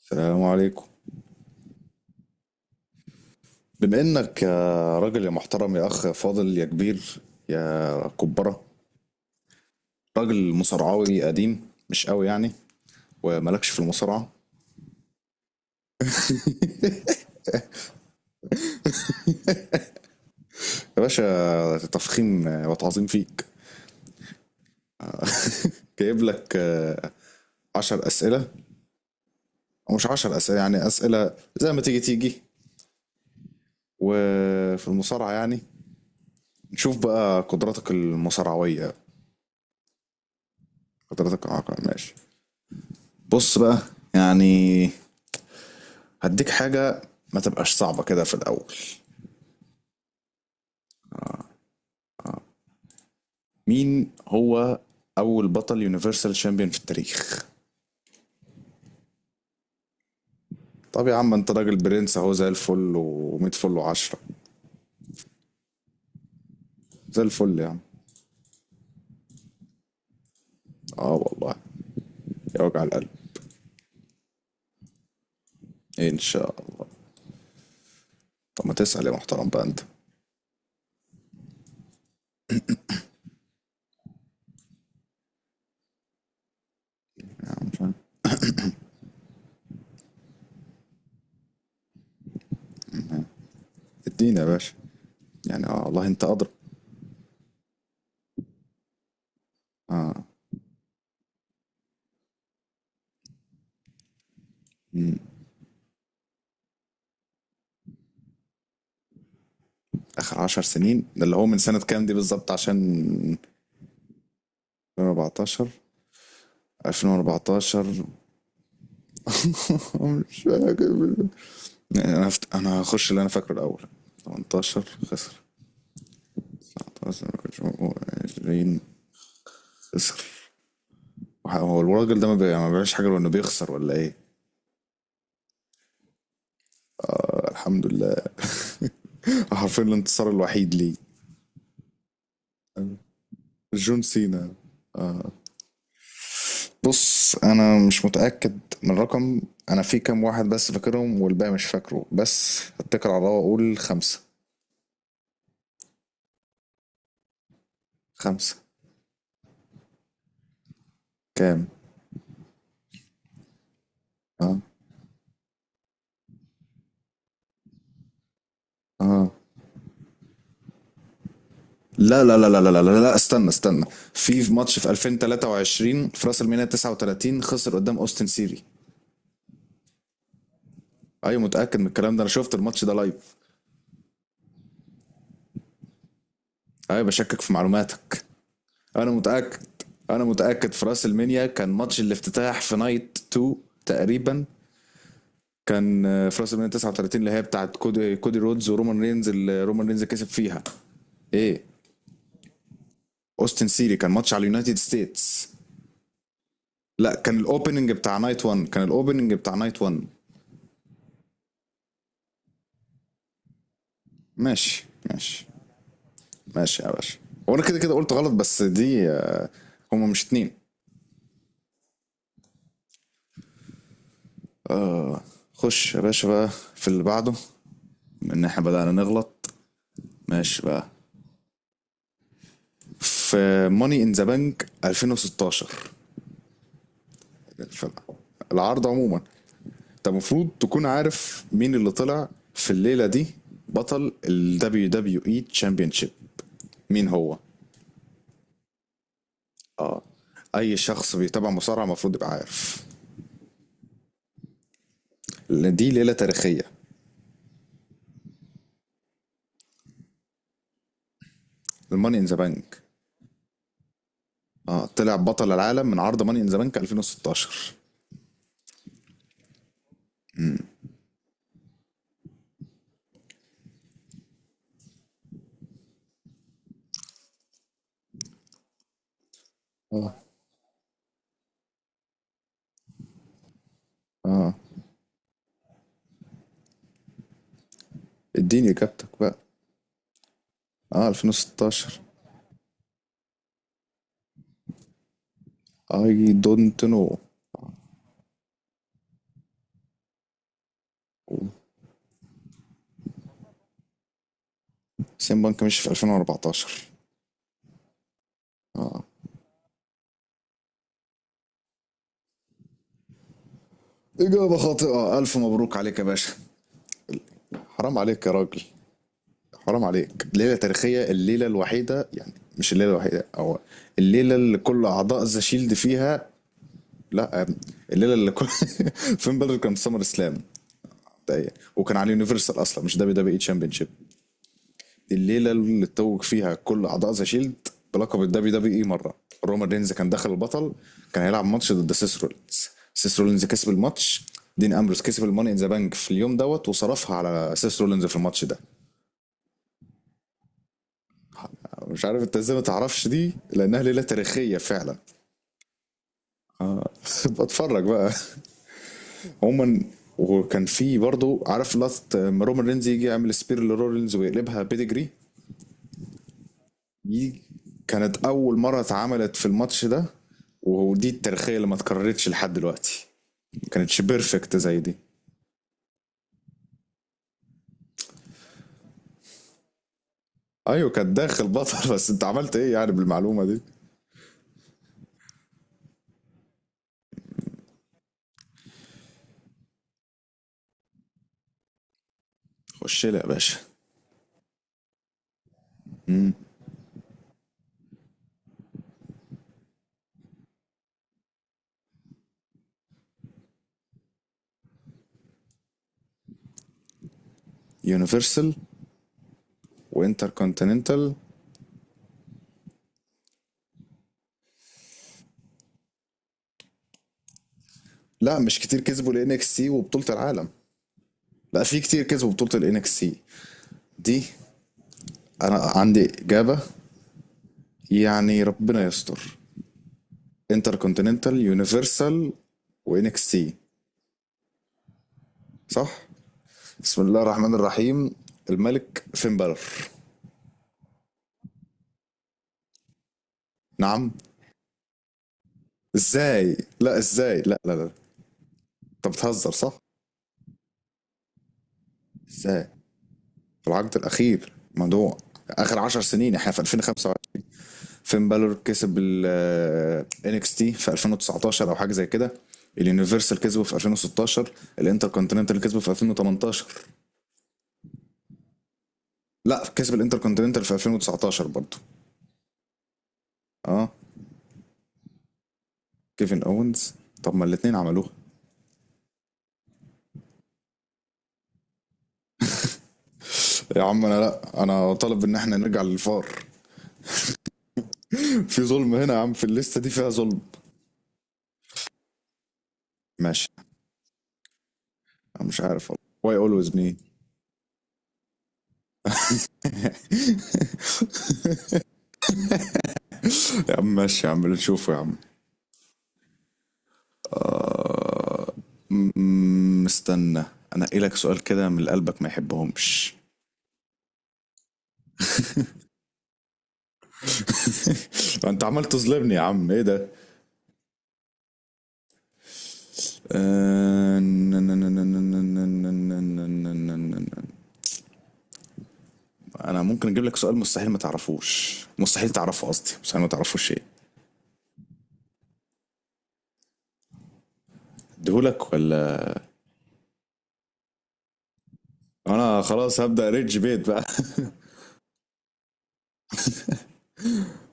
السلام عليكم. بما انك يا راجل يا محترم يا اخ يا فاضل يا كبير يا كبره، راجل مصارعاوي قديم مش قوي يعني، ومالكش في المصارعه. يا باشا تفخيم وتعظيم فيك. جايب لك عشر اسئله، او مش عشر اسئله، يعني اسئله زي ما تيجي تيجي، وفي المصارعه يعني نشوف بقى قدراتك المصارعويه، قدراتك العقل. ماشي. بص بقى، يعني هديك حاجه ما تبقاش صعبه كده في الاول. مين هو اول بطل يونيفرسال شامبيون في التاريخ؟ طب يا عم انت راجل برنس اهو، زي الفل و100 فل و10. زي الفل يا عم. اه والله، يا وجع القلب. ان شاء الله. طب ما تسأل يا محترم بقى انت. مش عارف. ادينا يا باشا، يعني اه والله انت ادرى. اخر 10 سنين ده اللي هو من سنة كام دي بالظبط؟ عشان 2014، 2014. مش فاكر. انا هخش اللي انا فاكره الاول. 18 خسر، 19، 20 خسر. هو الراجل ده ما بيعملش حاجه غير انه بيخسر ولا ايه؟ الحمد لله. حرفيا الانتصار الوحيد ليه. جون سينا. بص انا مش متاكد من الرقم، انا في كام واحد بس فاكرهم والباقي مش فاكره، بس اتكل على الله واقول خمسه. خمسه. كام؟ اه، اه، لا لا لا لا لا لا لا, لا، استنى استنى. في ماتش في 2023 في راس الميناء 39، خسر قدام اوستن سيري. ايوه متاكد من الكلام ده، انا شفت الماتش ده لايف. ايوه بشكك في معلوماتك. انا متاكد، انا متاكد، في راس المنيا كان ماتش الافتتاح في نايت 2 تقريبا، كان في راس المنيا 39، اللي هي بتاعت كودي, كودي رودز ورومان رينز، اللي رومان رينز كسب فيها. ايه. اوستن سيري كان ماتش على اليونايتد ستيتس. لا، كان الاوبننج بتاع نايت 1، كان الاوبننج بتاع نايت 1. ماشي، ماشي ماشي يا باشا. هو انا كده كده قلت غلط، بس دي هما مش اتنين. خش يا باشا بقى في اللي بعده، ان احنا بدأنا نغلط. ماشي بقى. في ماني ان ذا بانك 2016، ف- العرض عموما، انت المفروض تكون عارف مين اللي طلع في الليله دي بطل ال WWE Championship. مين هو؟ اه. اي شخص بيتابع مصارعه المفروض يبقى عارف، لأن دي ليله تاريخيه. الماني ان ذا بانك. اه، طلع بطل العالم من عرض ماني ان ذا بانك 2016. اه. اه. اديني اجابتك بقى. اه 2016. اي دونت نو. سين بانك مشي في 2014. اه. إجابة خاطئة، ألف مبروك عليك يا باشا. حرام عليك يا راجل، حرام عليك. ليلة تاريخية، الليلة الوحيدة يعني، مش الليلة الوحيدة أو، الليلة اللي كل أعضاء ذا شيلد فيها. لا الليلة اللي كل فين بلر كان في سمر سلام. طيب. وكان على اليونيفرسال أصلا، مش دبليو دبليو إي تشامبيون شيب. الليله اللي اتوج فيها كل اعضاء ذا شيلد بلقب الدبليو دبليو اي مره. رومان رينز كان دخل البطل، كان هيلعب ماتش ضد سيس رولينز، سيس رولينز كسب الماتش، دين امبروس كسب الماني ان ذا بانك في اليوم دوت وصرفها على سيس رولينز في الماتش ده. مش عارف انت ازاي ما تعرفش دي، لانها ليله تاريخيه فعلا. بتفرج بقى. عموما، وكان في برضه عارف لقطه لما رومان رينز يجي يعمل سبير لرولينز ويقلبها بيدجري، دي كانت أول مرة اتعملت في الماتش ده، ودي التاريخية اللي ما اتكررتش لحد دلوقتي. ما كانتش بيرفكت زي دي. أيوة كانت داخل بطل. بس أنت عملت إيه يعني بالمعلومة دي؟ خش لي يا باشا. امم يونيفرسال وانتر كونتيننتال. لا مش كتير كسبوا الان اكس سي وبطولة العالم. لا، في كتير كسبوا بطولة الان اكس سي دي. انا عندي اجابة، يعني ربنا يستر. انتر كونتيننتال، يونيفرسال، وان اكس سي. صح. بسم الله الرحمن الرحيم، الملك فين بالور. نعم؟ ازاي لا، ازاي، لا لا لا، انت بتهزر صح؟ ازاي؟ في العقد الاخير موضوع، اخر 10 سنين، احنا في 2005. فين بالور كسب ال NXT تي في 2019 او حاجه زي كده، اليونيفرسال كسبه في 2016، الانتر كونتيننتال كسبه في 2018. لا، كسب الانتر كونتيننتال في 2019 برضه. اه. كيفن اونز؟ طب ما الاثنين عملوها. يا عم انا لا، انا طالب ان احنا نرجع للفار، في ظلم هنا يا عم، في الليسته دي فيها ظلم. ماشي. أنا مش عارف والله، واي اولويز مي. يا عم ماشي، يا عم اللي نشوفه يا عم. آه... م- استنى، انا ايه لك سؤال كده من اللي قلبك ما يحبهمش. انت عمال تظلمني يا عم، ايه ده؟ آه، ن- ن- ن- ن- ن- ن- ن- ن- ن- ن- ن- انا ممكن اجيب لك سؤال مستحيل ما تعرفوش، مستحيل تعرفه، قصدي مستحيل ما تعرفوش، ايه اديهولك ولا؟ انا خلاص هبدا ريدج بيت بقى.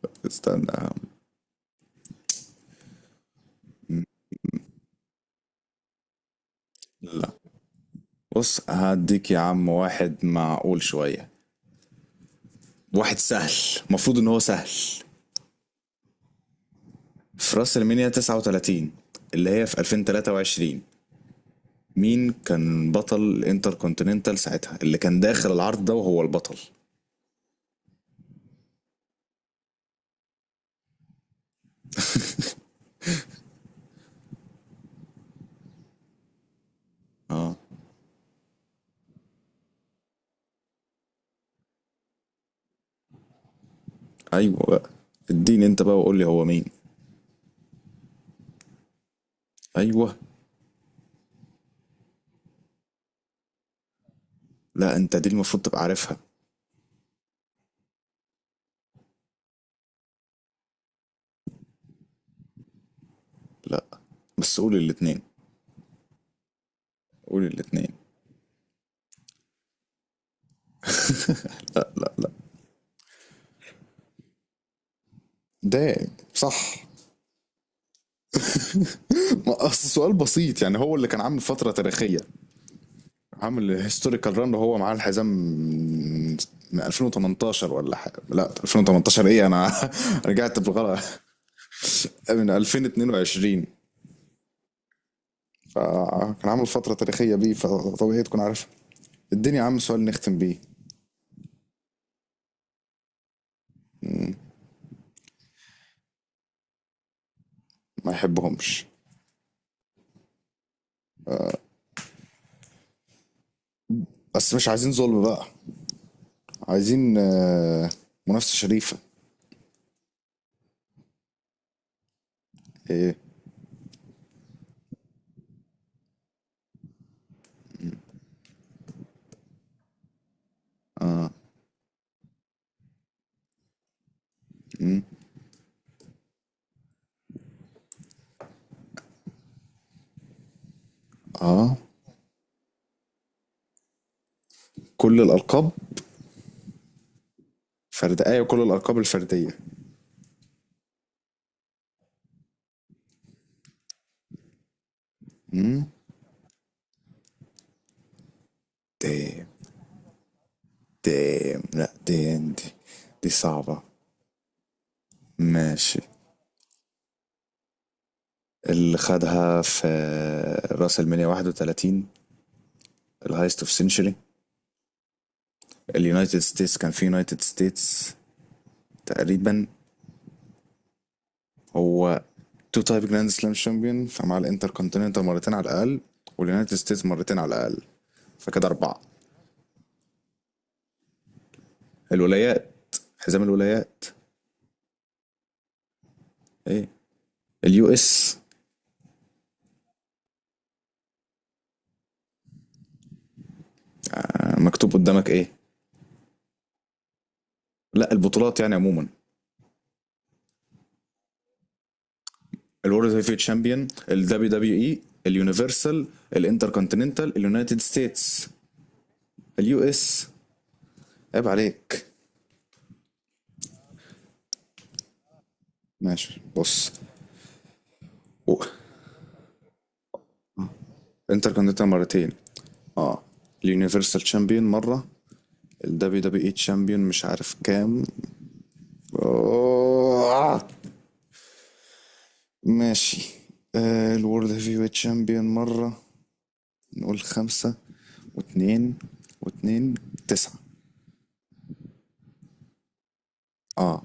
استنى يا عم. لا، بص هديك يا عم واحد معقول شوية، واحد سهل، المفروض ان هو سهل. في راس المنيا 39، اللي هي في 2023، مين كان بطل الانتر كونتيننتال ساعتها اللي كان داخل العرض ده وهو البطل؟ اه. ايوه بقى، اديني انت بقى وقول لي هو مين. ايوه. لا، انت دي المفروض تبقى عارفها. لا، بس قول الاتنين، قول الاتنين. لا. ده صح. ما اصل سؤال بسيط، يعني هو اللي كان عامل فترة تاريخية، عامل هيستوريكال ران وهو معاه الحزام من، من 2018 ولا حاجه، لا 2018 ايه انا، رجعت بالغلط، من 2022. فكان عامل فتره تاريخيه بيه، فطبيعي تكون عارف الدنيا يا عم. سؤال نختم بيه ما يحبهمش. بس مش عايزين ظلم بقى، عايزين منافسه شريفه. ايه. مم. اه، كل الالقاب. فردائيه وكل الالقاب الفرديه. امم دام دام، لا دي دي صعبة. ماشي. اللي خدها في راس المنيا 31، الهايست اوف سنشري، اليونايتد ستيتس، كان في يونايتد ستيتس تقريبا، هو تو تايب جراند سلام شامبيون، فمع الانتر كونتيننتال مرتين على الاقل، واليونايتد ستيتس مرتين على الاقل، فكده اربعه. الولايات، حزام الولايات. ايه، اليو اس. مكتوب قدامك ايه؟ لا البطولات يعني عموما. الورد هيفي تشامبيون، الدبليو دبليو اي، اليونيفرسال، الانتر كونتيننتال، اليونايتد ستيتس، اليو اس. عيب عليك. ماشي بص. و- انتر كونتيننتال مرتين، اه. اليونيفرسال تشامبيون مرة. الدبليو دبليو اي تشامبيون مش عارف كام. آه. ماشي. آه الورد هيفي ويت تشامبيون مرة. نقول خمسة واتنين واتنين، تسعة. اه.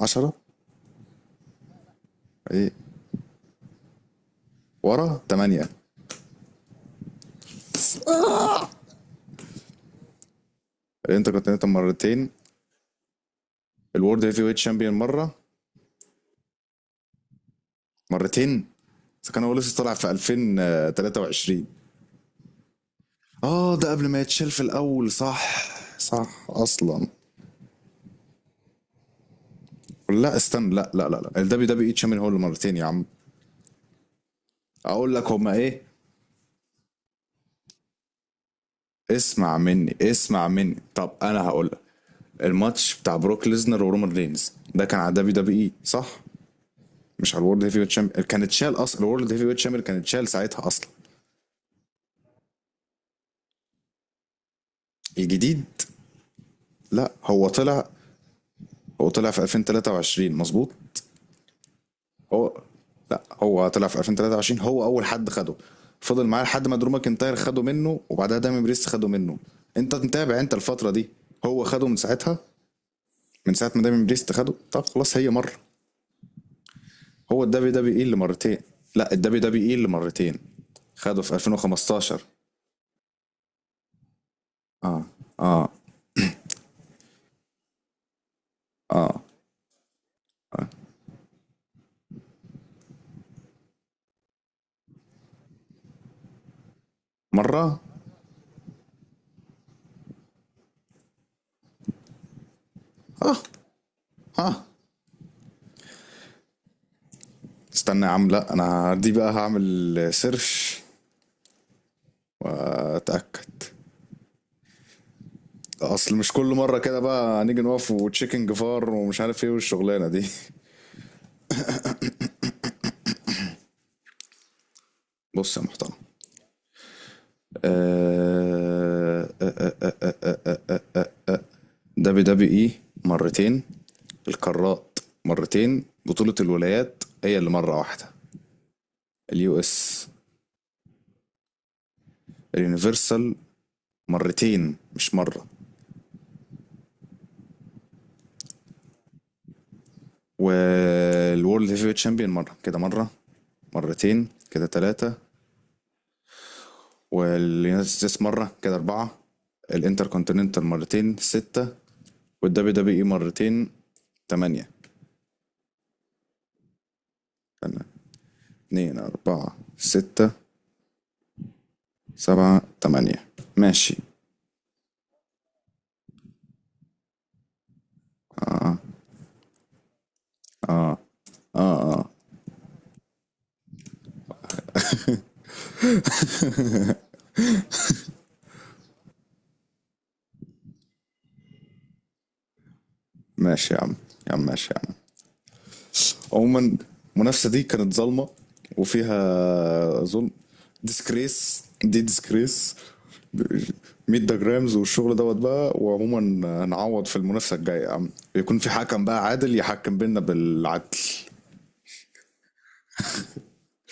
عشرة؟ ايه؟ ورا، تمانية. الانتركونتيننتال مرتين. الورد هيفي ويت تشامبيون مرة، مرتين. فكان هو لسه طالع في 2023. اه، ده قبل ما يتشال في الاول، صح، صح اصلا. لا استنى، لا لا لا لا، الدبليو دبليو اي تشامبيون هو اللي مرتين يا عم، اقول لك هما ايه. اسمع مني، اسمع مني، طب انا هقول لك. الماتش بتاع بروك ليزنر ورومان رينز ده كان على دبليو دبليو اي صح، مش على الورد هيفي ويت شامبيون، كان اتشال اصلا الورد هيفي ويت شامبيون، كان اتشال ساعتها اصلا. الجديد. لا هو طلع، هو طلع في 2023 مظبوط. هو، لا هو طلع في 2023، هو اول حد خده، فضل معاه لحد ما درو ماكنتاير خده منه، وبعدها دايمين بريست خده منه. انت متابع انت الفتره دي، هو خده من ساعتها، من ساعه ما دايمين بريست خده. طب خلاص هي مره. هو الدبليو دبليو اي اللي مرتين، لا الدبليو دبليو اي اللي مرتين، خده في 2015. اه، اه، مره، اه، اه. استنى يا عم لا، انا دي بقى هعمل سيرش، اتاكد، اصل مش كل مره كده بقى هنيجي نقف وتشيكن جفار ومش عارف ايه والشغلانه دي. بص يا محترم. آه، آه، آه، آه، دبي دبي اي مرتين، القارات مرتين، بطولة الولايات هي اللي مرة واحدة، اليو اس، اليونيفرسال مرتين مش مرة، والورلد هيفي ويت شامبيون مرة، كده مرة، مرتين كده تلاتة، واليونايتد ستيتس مرة كده أربعة، الانتر كونتيننتال مرتين ستة، والدبليو دبليو اي مرتين تمانية. استنى، اتنين أربعة ستة سبعة تمانية. ماشي. اه اه، اه اه. ماشي يا عم، يا عم ماشي يا عم. عموما، المنافسة دي كانت ظالمة وفيها ظلم، ديسكريس دي ديسكريس، 100 جرامز والشغل دوت بقى. وعموما، هنعوض في المنافسة الجاية يا عم، يكون في حكم بقى عادل يحكم بينا بالعدل.